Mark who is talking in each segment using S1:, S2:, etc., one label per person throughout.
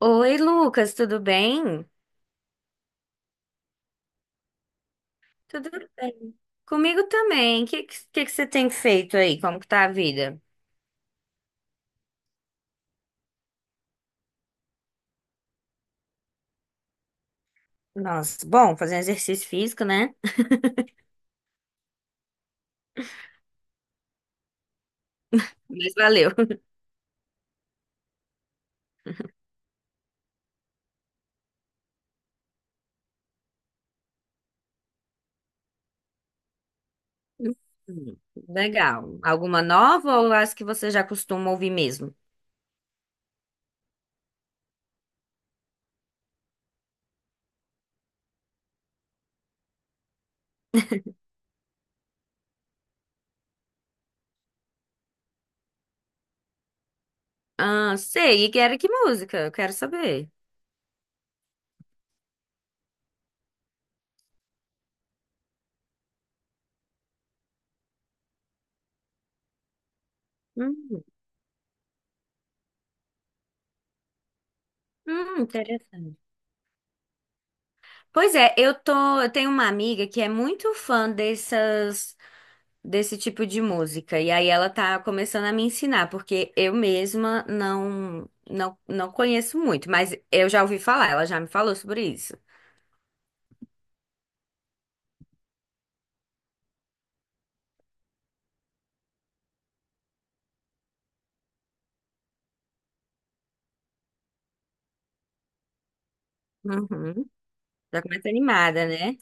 S1: Oi, Lucas, tudo bem? Tudo bem. Comigo também. O que, que você tem feito aí? Como que tá a vida? Nossa, bom, fazendo exercício físico, né? Mas valeu. Hum, Legal. Alguma nova ou as que você já costuma ouvir mesmo? Ah, sei. E que era que música? Eu quero saber. Hum, Interessante. Pois é, eu tô, Eu tenho uma amiga que é muito fã dessas desse tipo de música. E aí ela tá começando a me ensinar, porque eu mesma não conheço muito, mas eu já ouvi falar, ela já me falou sobre isso. Uhum. Já começa animada, né?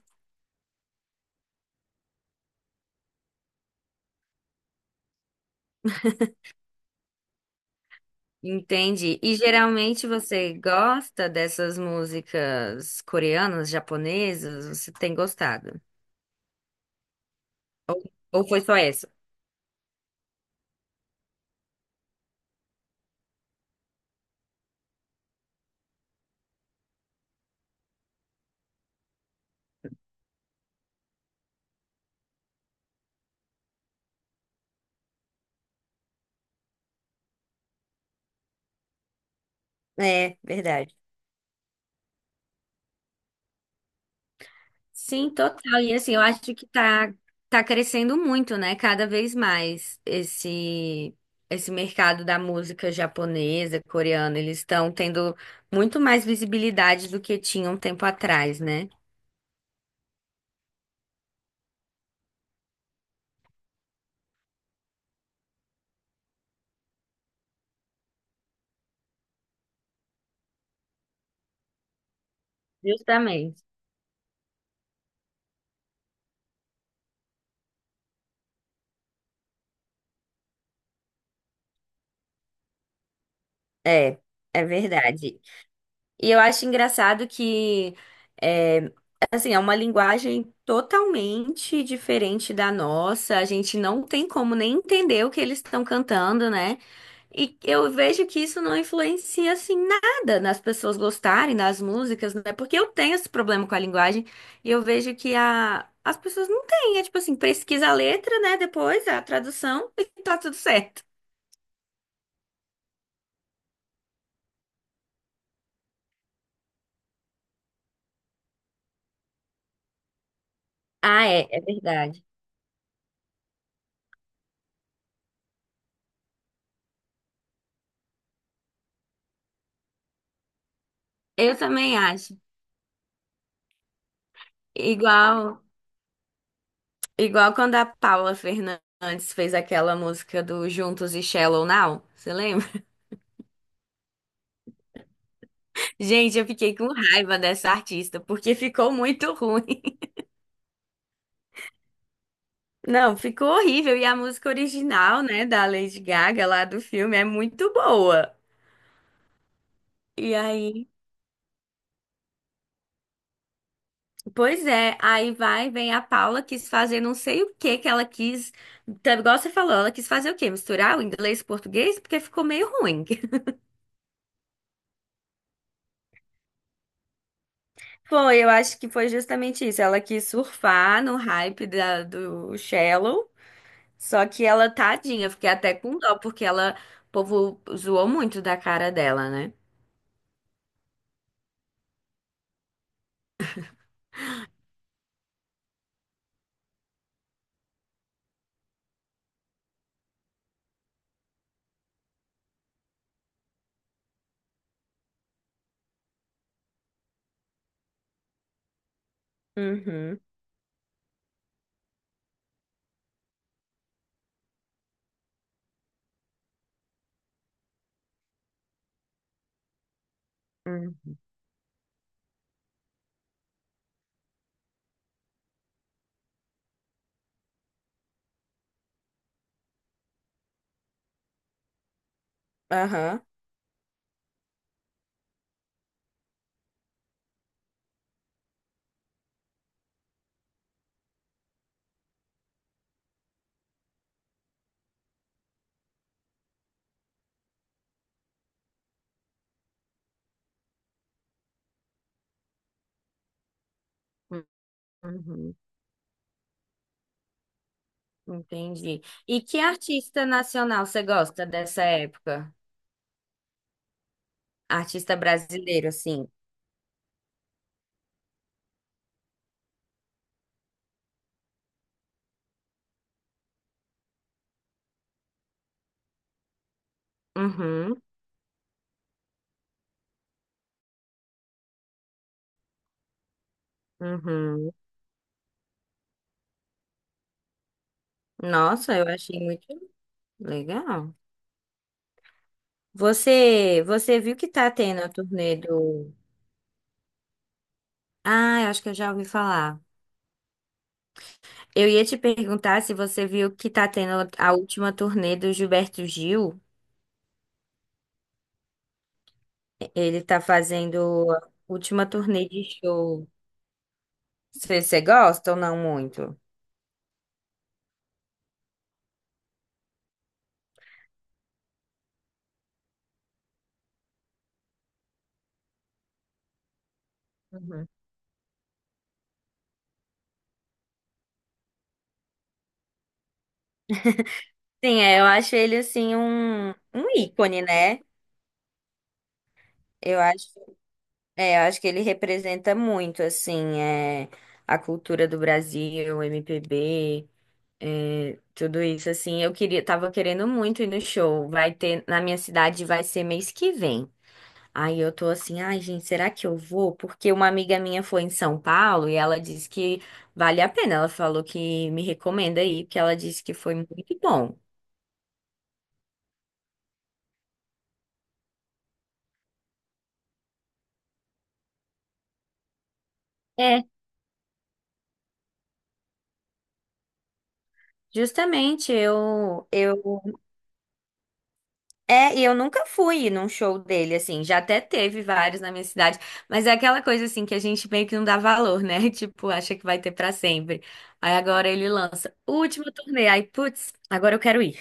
S1: Entendi. E geralmente você gosta dessas músicas coreanas, japonesas? Você tem gostado? Ou, ou foi só essa? É, verdade. Sim, total. E assim, eu acho que tá, tá crescendo muito, né? Cada vez mais esse mercado da música japonesa, coreana, eles estão tendo muito mais visibilidade do que tinham um tempo atrás, né? Justamente. É, é verdade. E eu acho engraçado que, é, assim, é uma linguagem totalmente diferente da nossa. A gente não tem como nem entender o que eles estão cantando, né? E eu vejo que isso não influencia, assim, nada nas pessoas gostarem das músicas, né? Porque eu tenho esse problema com a linguagem e eu vejo que as pessoas não têm. É tipo assim, pesquisa a letra, né? Depois a tradução e tá tudo certo. Ah, é, é verdade. Eu também acho. Igual. Igual quando a Paula Fernandes fez aquela música do Juntos e Shallow Now, você lembra? Gente, eu fiquei com raiva dessa artista, porque ficou muito ruim. Não, ficou horrível. E a música original, né, da Lady Gaga lá do filme é muito boa. E aí, pois é, vem a Paula, quis fazer não sei o que que ela quis, tá, igual você falou, ela quis fazer o quê? Misturar o inglês e o português? Porque ficou meio ruim. Foi, eu acho que foi justamente isso. Ela quis surfar no hype do Shallow, só que ela, tadinha, fiquei até com dó, porque o povo zoou muito da cara dela, né? Uhum, uhum, Aham, uhum. Entendi. E que artista nacional você gosta dessa época? Artista brasileiro, assim. Uhum, uhum. Nossa, eu achei muito legal. Você viu que tá tendo a turnê do... Ah, eu acho que eu já ouvi falar. Eu ia te perguntar se você viu que tá tendo a última turnê do Gilberto Gil. Ele tá fazendo a última turnê de show. Você gosta ou não muito? Uhum. Sim, é, eu acho ele assim um ícone, né? Eu acho, é, eu acho que ele representa muito assim, é, a cultura do Brasil, o MPB, é, tudo isso assim. Tava querendo muito ir no show. Vai ter na minha cidade, vai ser mês que vem. Aí eu tô assim, ai, gente, será que eu vou? Porque uma amiga minha foi em São Paulo e ela disse que vale a pena. Ela falou que me recomenda aí, porque ela disse que foi muito bom. É, justamente, e eu nunca fui num show dele, assim, já até teve vários na minha cidade, mas é aquela coisa, assim, que a gente meio que não dá valor, né? Tipo, acha que vai ter pra sempre. Aí agora ele lança, última turnê, aí, putz, agora eu quero ir.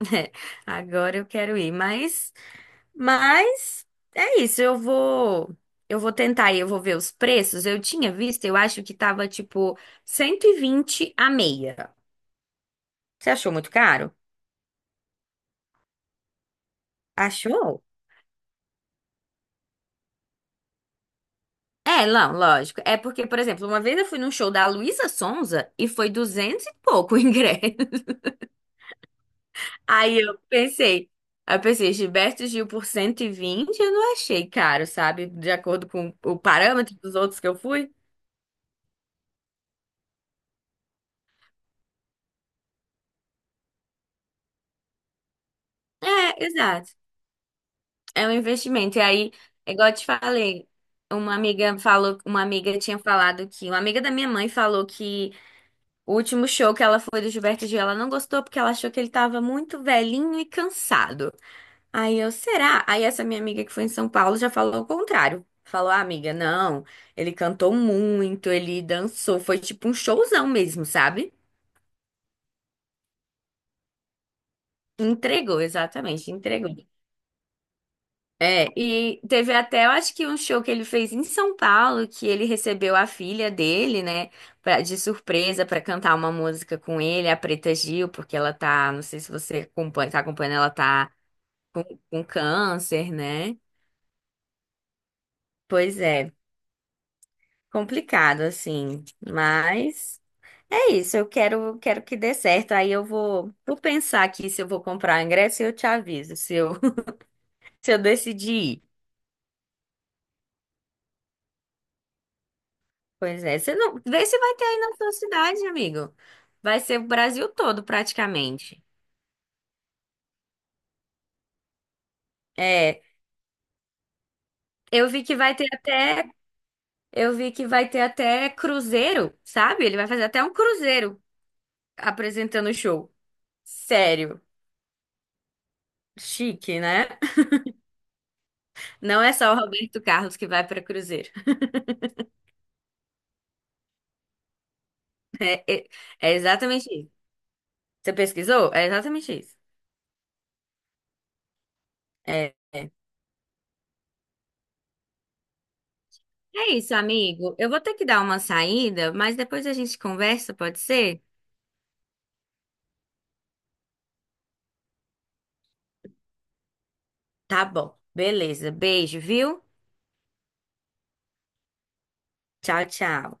S1: Agora eu quero ir, mas. Mas é isso, eu vou tentar e eu vou ver os preços. Eu tinha visto, eu acho que tava tipo 120 a meia. Você achou muito caro? Achou? É, não, lógico. É porque, por exemplo, uma vez eu fui num show da Luísa Sonza e foi 200 e pouco o ingresso. Aí eu pensei, aí eu pensei, Gilberto Gil por 120 eu não achei caro, sabe? De acordo com o parâmetro dos outros que eu fui. É, exato. É um investimento. E aí, é igual eu te falei, uma amiga tinha falado que, uma amiga da minha mãe falou que o último show que ela foi do Gilberto Gil, ela não gostou porque ela achou que ele tava muito velhinho e cansado. Aí eu, será? Aí essa minha amiga que foi em São Paulo já falou o contrário. Falou, ah, amiga, não, ele cantou muito, ele dançou, foi tipo um showzão mesmo, sabe? Entregou, exatamente, entregou. É, e teve até, eu acho que um show que ele fez em São Paulo, que ele recebeu a filha dele, né, pra, de surpresa pra cantar uma música com ele, a Preta Gil, porque ela tá, não sei se você acompanha, tá acompanhando, ela tá com câncer, né? Pois é, complicado assim, mas é isso, quero que dê certo. Aí eu vou, vou pensar aqui se eu vou comprar o ingresso e eu te aviso se eu, se eu decidir ir. Pois é, você não... Vê se vai ter aí na sua cidade, amigo. Vai ser o Brasil todo, praticamente. É, eu vi que vai ter até, eu vi que vai ter até cruzeiro, sabe? Ele vai fazer até um cruzeiro apresentando o show. Sério, chique, né? Não é só o Roberto Carlos que vai para cruzeiro. É é é exatamente isso. Você pesquisou? É exatamente isso. É. É isso, amigo. Eu vou ter que dar uma saída, mas depois a gente conversa, pode ser? Tá bom. Beleza. Beijo, viu? Tchau, tchau.